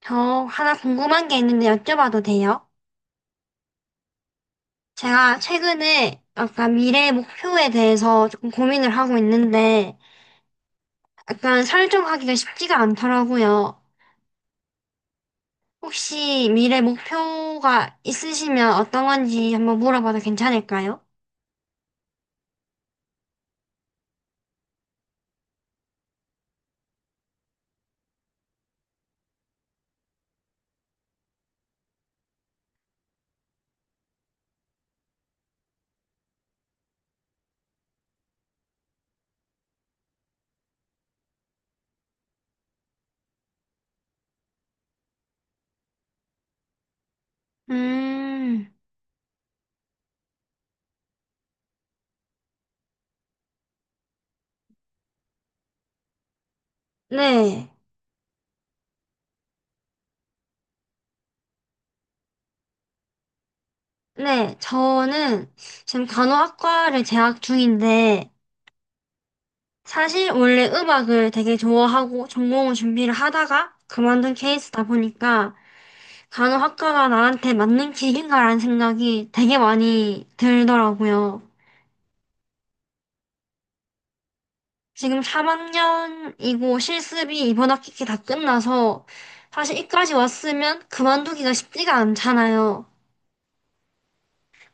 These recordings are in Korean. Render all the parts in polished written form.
저 하나 궁금한 게 있는데 여쭤봐도 돼요? 제가 최근에 약간 미래 목표에 대해서 조금 고민을 하고 있는데 약간 설정하기가 쉽지가 않더라고요. 혹시 미래 목표가 있으시면 어떤 건지 한번 물어봐도 괜찮을까요? 음, 네. 네, 저는 지금 간호학과를 재학 중인데 사실 원래 음악을 되게 좋아하고 전공을 준비를 하다가 그만둔 케이스다 보니까 간호학과가 나한테 맞는 길인가라는 생각이 되게 많이 들더라고요. 지금 3학년이고 실습이 이번 학기 다 끝나서 사실 이까지 왔으면 그만두기가 쉽지가 않잖아요.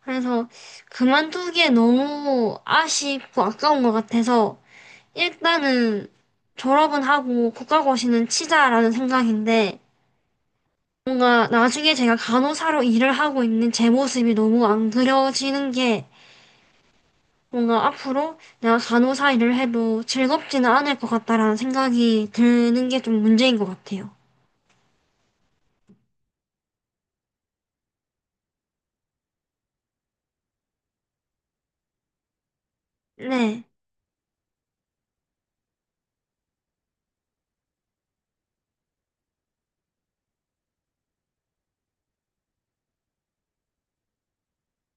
그래서 그만두기에 너무 아쉽고 아까운 것 같아서 일단은 졸업은 하고 국가고시는 치자라는 생각인데 뭔가 나중에 제가 간호사로 일을 하고 있는 제 모습이 너무 안 그려지는 게 뭔가 앞으로 내가 간호사 일을 해도 즐겁지는 않을 것 같다라는 생각이 드는 게 좀 문제인 것 같아요. 네,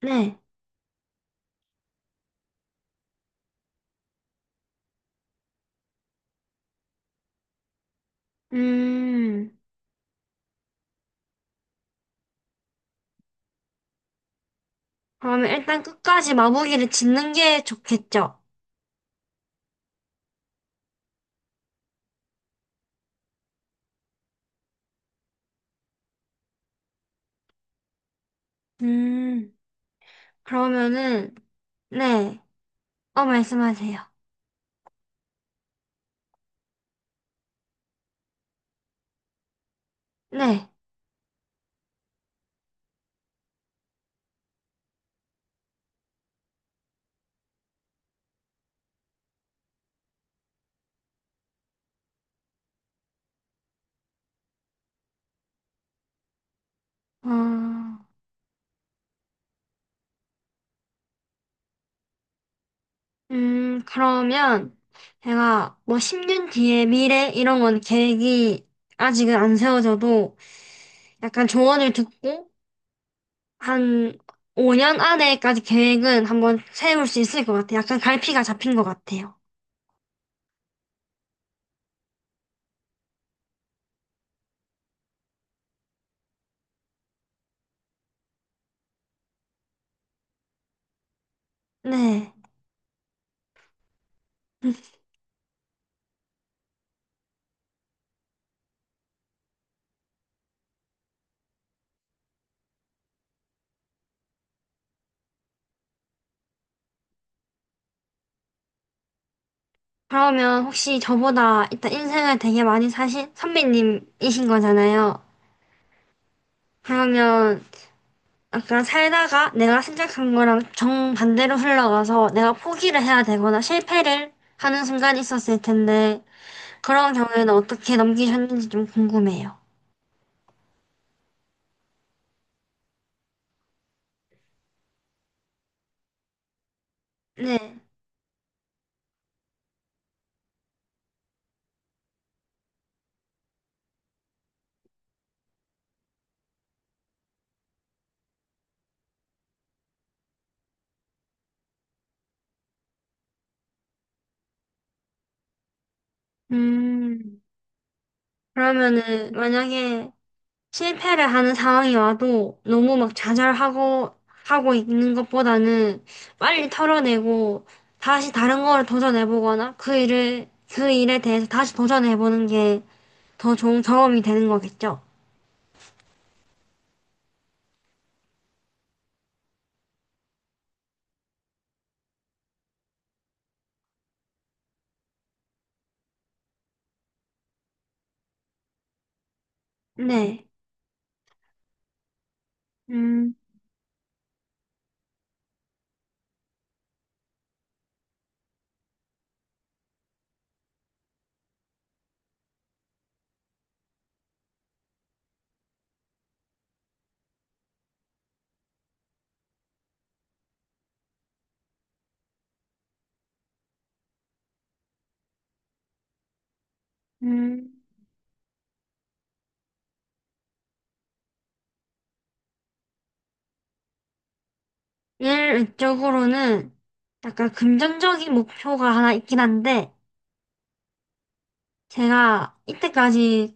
네. 음, 그러면 일단 끝까지 마무리를 짓는 게 좋겠죠? 음, 그러면은, 네. 말씀하세요. 네. 어, 그러면 제가 뭐 10년 뒤의 미래 이런 건 계획이 아직은 안 세워져도 약간 조언을 듣고 한 5년 안에까지 계획은 한번 세울 수 있을 것 같아요. 약간 갈피가 잡힌 것 같아요. 네. 그러면 혹시 저보다 일단 인생을 되게 많이 사신 선배님이신 거잖아요. 그러면 약간 살다가 내가 생각한 거랑 정반대로 흘러가서 내가 포기를 해야 되거나 실패를 하는 순간이 있었을 텐데 그런 경우에는 어떻게 넘기셨는지 좀 궁금해요. 네. 음, 그러면은 만약에 실패를 하는 상황이 와도 너무 막 좌절하고 하고 있는 것보다는 빨리 털어내고 다시 다른 거를 도전해보거나 그 일을 그 일에 대해서 다시 도전해보는 게 더 좋은 경험이 되는 거겠죠. 네. 음, 음. 일 외적으로는 약간 금전적인 목표가 하나 있긴 한데 제가 이때까지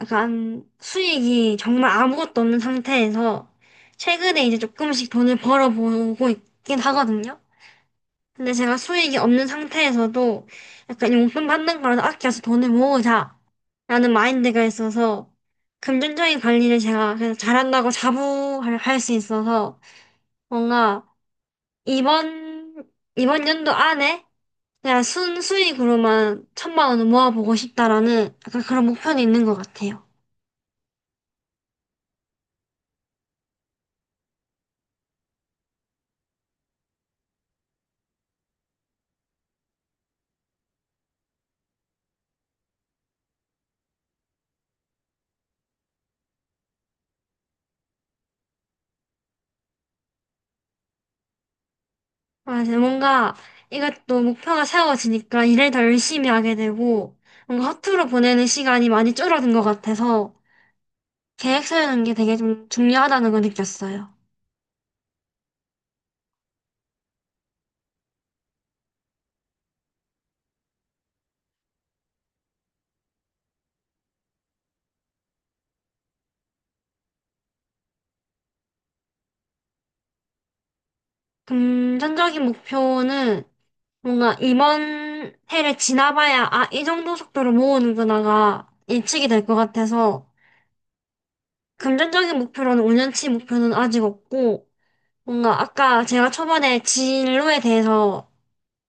약간 수익이 정말 아무것도 없는 상태에서 최근에 이제 조금씩 돈을 벌어보고 있긴 하거든요. 근데 제가 수익이 없는 상태에서도 약간 용돈 받는 거라도 아껴서 돈을 모으자 라는 마인드가 있어서 금전적인 관리를 제가 그냥 잘한다고 자부할 할수 있어서 뭔가 이번 이번 연도 안에 그냥 순수익으로만 천만 원을 모아보고 싶다라는 약간 그런 목표는 있는 것 같아요. 맞아. 뭔가 이것도 목표가 세워지니까 일을 더 열심히 하게 되고, 뭔가 허투루 보내는 시간이 많이 줄어든 것 같아서 계획 세우는 게 되게 좀 중요하다는 걸 느꼈어요. 금전적인 목표는 뭔가 이번 해를 지나봐야 아, 이 정도 속도로 모으는구나가 예측이 될 것 같아서 금전적인 목표로는 5년치 목표는 아직 없고 뭔가 아까 제가 초반에 진로에 대해서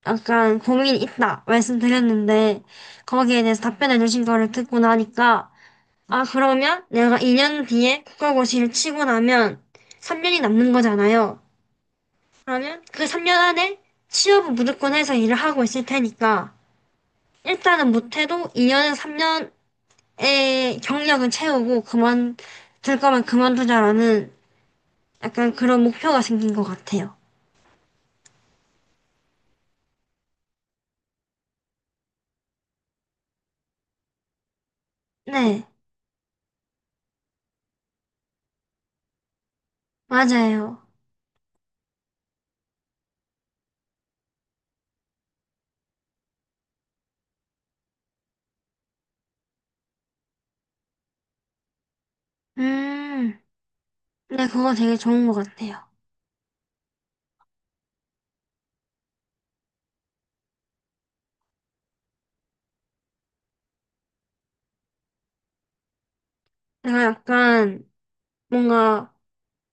약간 고민이 있다 말씀드렸는데 거기에 대해서 답변해 주신 거를 듣고 나니까 아 그러면 내가 2년 뒤에 국가고시를 치고 나면 3년이 남는 거잖아요. 그러면 그 3년 안에 취업은 무조건 해서 일을 하고 있을 테니까 일단은 못해도 2년에서 3년의 경력은 채우고 그만둘 거면 그만두자라는 약간 그런 목표가 생긴 것 같아요. 네, 맞아요. 음, 네, 그거 되게 좋은 것 같아요. 제가 약간 뭔가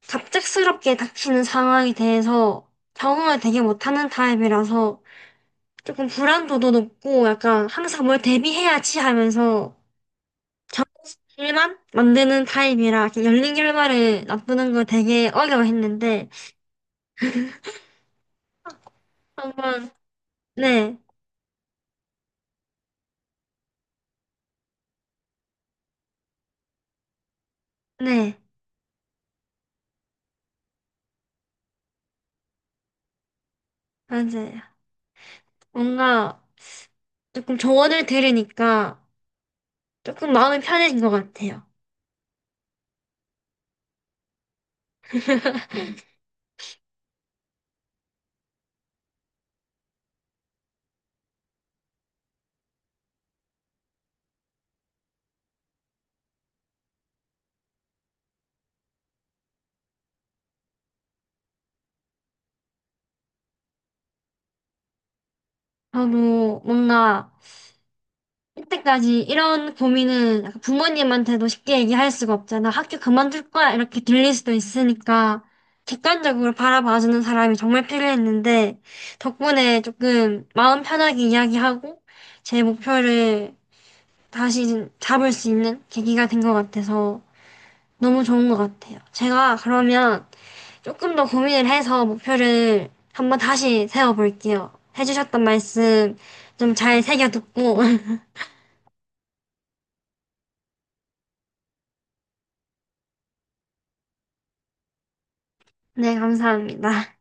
갑작스럽게 닥치는 상황에 대해서 적응을 되게 못하는 타입이라서 조금 불안도도 높고 약간 항상 뭘 대비해야지 하면서 정신만 만드는 타입이라 이렇게 열린 결과를 납부는 걸 되게 어려워했는데 한번 네, 네, 맞아요. 뭔가 조금 조언을 들으니까 조금 마음이 편해진 것 같아요. 저도 뭔가 이때까지 이런 고민은 약간 부모님한테도 쉽게 얘기할 수가 없잖아. 학교 그만둘 거야. 이렇게 들릴 수도 있으니까 객관적으로 바라봐주는 사람이 정말 필요했는데 덕분에 조금 마음 편하게 이야기하고 제 목표를 다시 잡을 수 있는 계기가 된 것 같아서 너무 좋은 것 같아요. 제가 그러면 조금 더 고민을 해서 목표를 한번 다시 세워볼게요. 해주셨던 말씀 좀 잘 새겨듣고 네, 감사합니다.